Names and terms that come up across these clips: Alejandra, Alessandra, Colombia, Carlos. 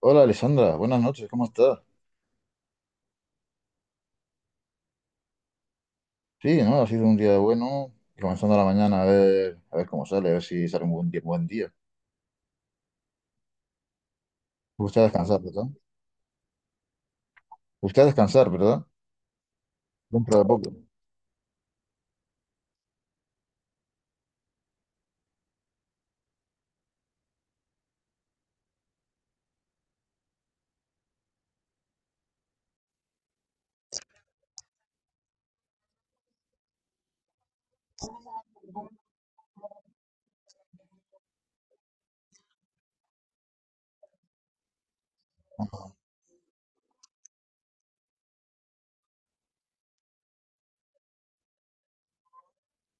Hola Alessandra, buenas noches, ¿cómo estás? Sí, ¿no? Ha sido un día bueno, y comenzando la mañana a ver cómo sale, a ver si sale un buen día, buen día. Busca descansar, ¿verdad? Usted a descansar, ¿verdad? Dentro de poco.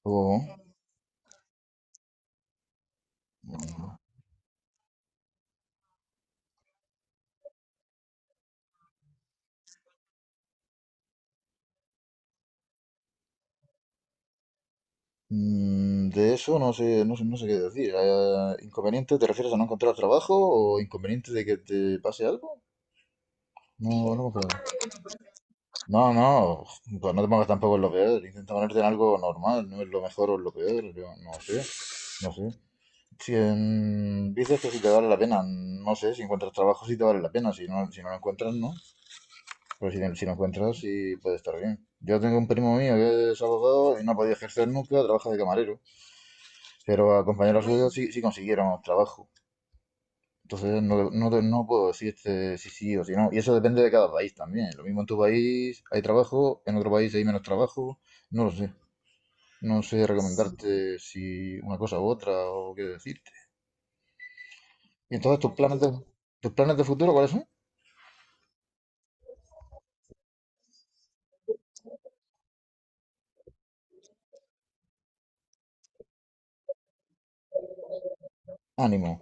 Oh. Mm, de eso no sé, no sé, no sé qué decir. ¿Inconveniente te refieres a no encontrar trabajo o inconveniente de que te pase algo? No, no, me no, no, pues no te pongas tampoco en lo peor. Intenta ponerte en algo normal, no es lo mejor o lo peor, yo no sé, no sé. Si dices que si te vale la pena, no sé, si encuentras trabajo si te vale la pena, si no lo encuentras, no. Pero si lo encuentras, sí puede estar bien. Yo tengo un primo mío que es abogado y no ha podido ejercer nunca, trabaja de camarero, pero a compañeros, bueno, suyos sí, sí consiguieron trabajo. Entonces no, no, no puedo decirte si sí o si no. Y eso depende de cada país también. Lo mismo en tu país hay trabajo, en otro país hay menos trabajo, no lo sé. No sé sí recomendarte si una cosa u otra o qué decirte. ¿Y entonces tus planes de futuro cuáles son? Ánimo.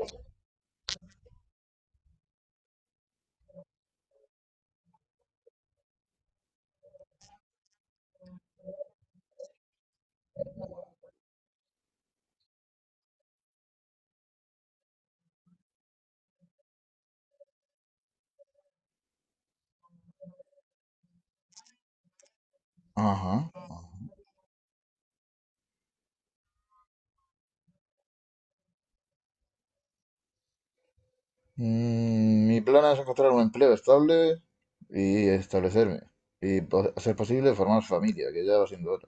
Ajá. Mi plan es encontrar un empleo estable y establecerme. Y a ser posible formar familia, que ya va siendo hora.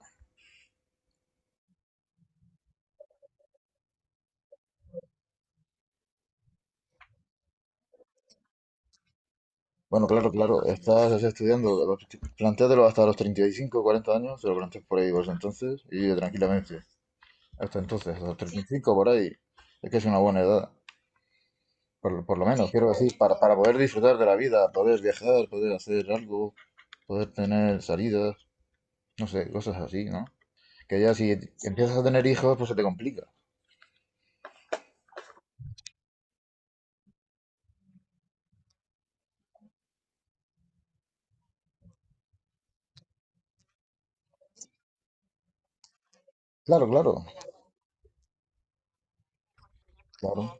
Bueno, claro, claro. Estás así estudiando. Plantéatelo hasta los 35 o 40 años. Te lo planteas por ahí, pues entonces. Y tranquilamente. Hasta entonces, hasta los treinta y cinco por ahí. Es que es una buena edad. Por lo menos, quiero decir, para poder disfrutar de la vida, poder viajar, poder hacer algo, poder tener salidas, no sé, cosas así, ¿no? Que ya si empiezas a tener hijos, pues se te complica. Claro, claro, claro.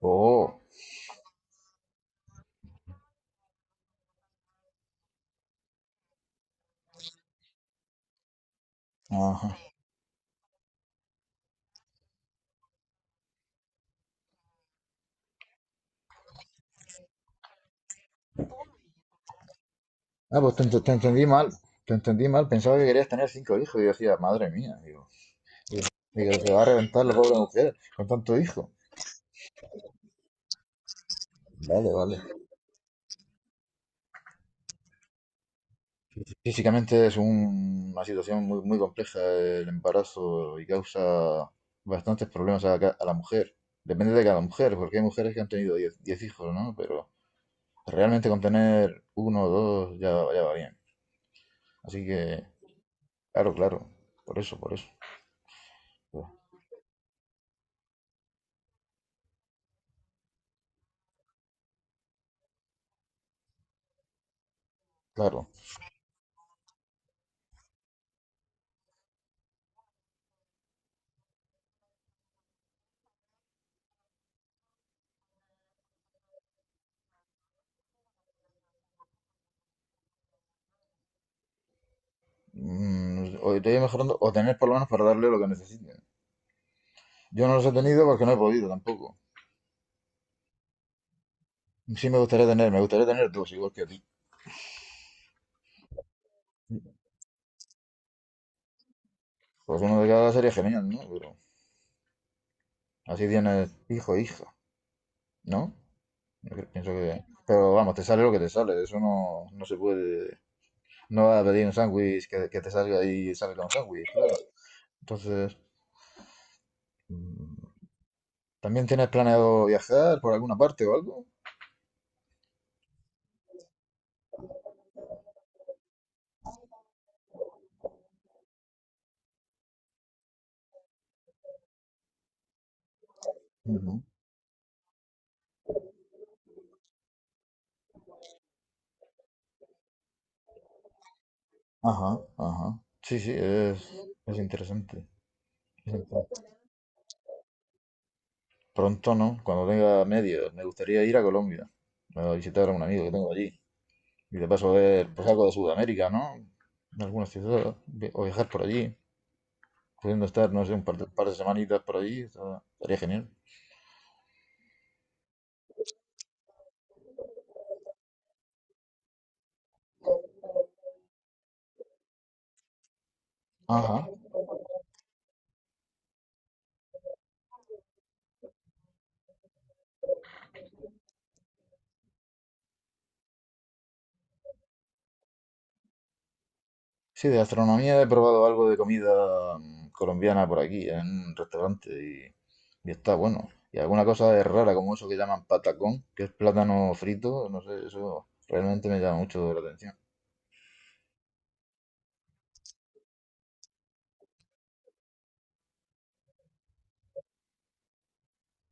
Oh, ajá. Ah, pues te entendí mal. Te entendí mal. Pensaba que querías tener cinco hijos. Y yo decía, madre mía. Digo, digo, se va a reventar la pobre mujer con tanto hijo. Vale, vale. Físicamente es una situación muy, muy compleja el embarazo y causa bastantes problemas a la mujer. Depende de cada mujer, porque hay mujeres que han tenido 10 10 hijos, ¿no? Pero realmente con tener uno o dos ya, ya va bien. Así que claro, claro, por eso, por eso. Claro. O te voy mejorando, o tener por lo menos para darle lo que necesiten. Yo no los he tenido porque no he podido tampoco. Sí me gustaría tener dos, igual que a ti. Pues uno de cada sería genial, ¿no? Pero así tienes hijo e hija, ¿no? Yo pienso que... Pero vamos, te sale lo que te sale, eso no, no se puede... No vas a pedir un sándwich que te salga y salga un sándwich, claro. Entonces, mm, ¿también tienes planeado viajar por alguna parte o algo? Ajá, ajá. Sí, sí, es interesante. Es interesante. Pronto, ¿no? Cuando tenga medio, me gustaría ir a Colombia a visitar a un amigo que tengo allí. Y de paso ver pues, algo de Sudamérica, ¿no? En algunas ciudades o viajar por allí. Pudiendo estar, no sé, un par de semanitas por allí, estaría genial. Ajá, sí, de gastronomía he probado algo de comida colombiana por aquí, en un restaurante, y está bueno. Y alguna cosa es rara, como eso que llaman patacón, que es plátano frito, no sé, eso realmente me llama mucho la atención.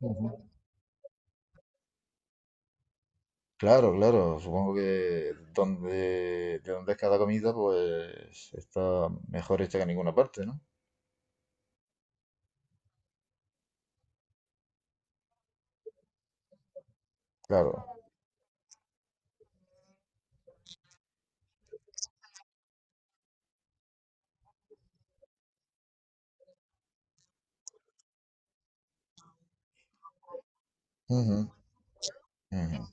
Ujú. Claro, claro, supongo que de donde es cada comida, pues está mejor hecha que en ninguna parte, ¿no? Claro. Ujú, ujú.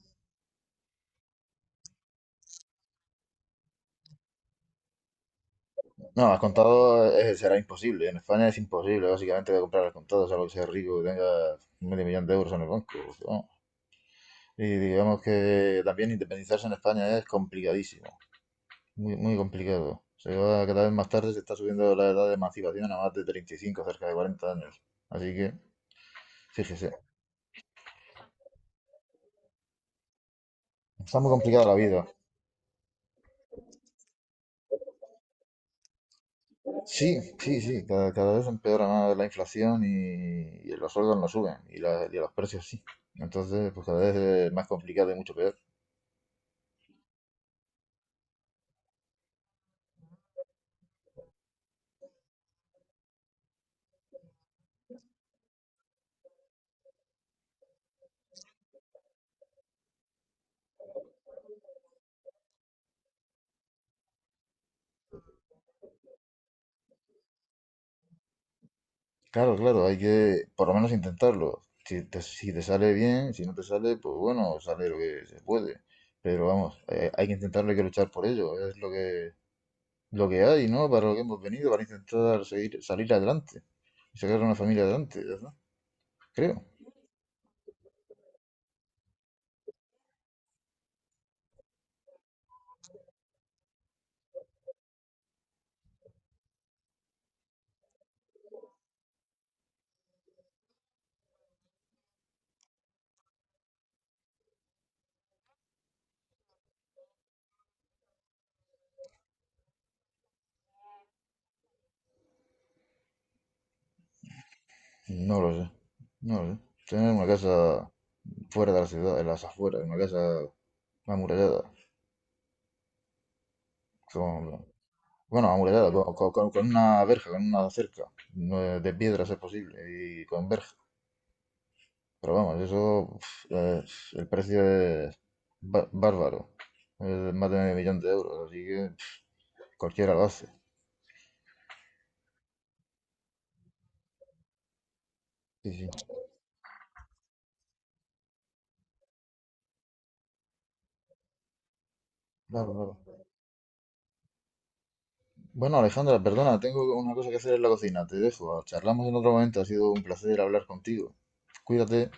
No, al contado será imposible. En España es imposible, básicamente, de comprar al contado, salvo que seas rico y tengas medio millón de euros en el banco, ¿no? Y digamos que también independizarse en España es complicadísimo, muy, muy complicado. Se va cada vez más tarde, se está subiendo la edad de emancipación a más de 35, cerca de 40 años. Así que, fíjese, está muy complicada la vida. Sí, sí, sí, cada vez empeora más la inflación y los sueldos no suben, y, y los precios sí. Entonces, pues cada vez es más complicado y mucho peor. Claro, claro, hay que por lo menos intentarlo. Si te, si te sale bien, si no te sale, pues bueno, sale lo que se puede. Pero vamos, hay que intentarlo, hay que luchar por ello. Es lo que hay, ¿no? Para lo que hemos venido, para intentar seguir, salir adelante y sacar a una familia adelante, ¿verdad? Creo. No lo sé, no lo sé. Tener una casa fuera de la ciudad, en las afueras, una casa amurallada. Con, bueno, amurallada, con una verja, con una cerca, no, de piedras es posible, y con verja. Pero vamos, eso pf, el precio es bárbaro. Es más de medio millón de euros, así que pf, cualquiera lo hace. Sí, sí, claro, claro. Bueno, Alejandra, perdona, tengo una cosa que hacer en la cocina. Te dejo. Charlamos en otro momento. Ha sido un placer hablar contigo. Cuídate.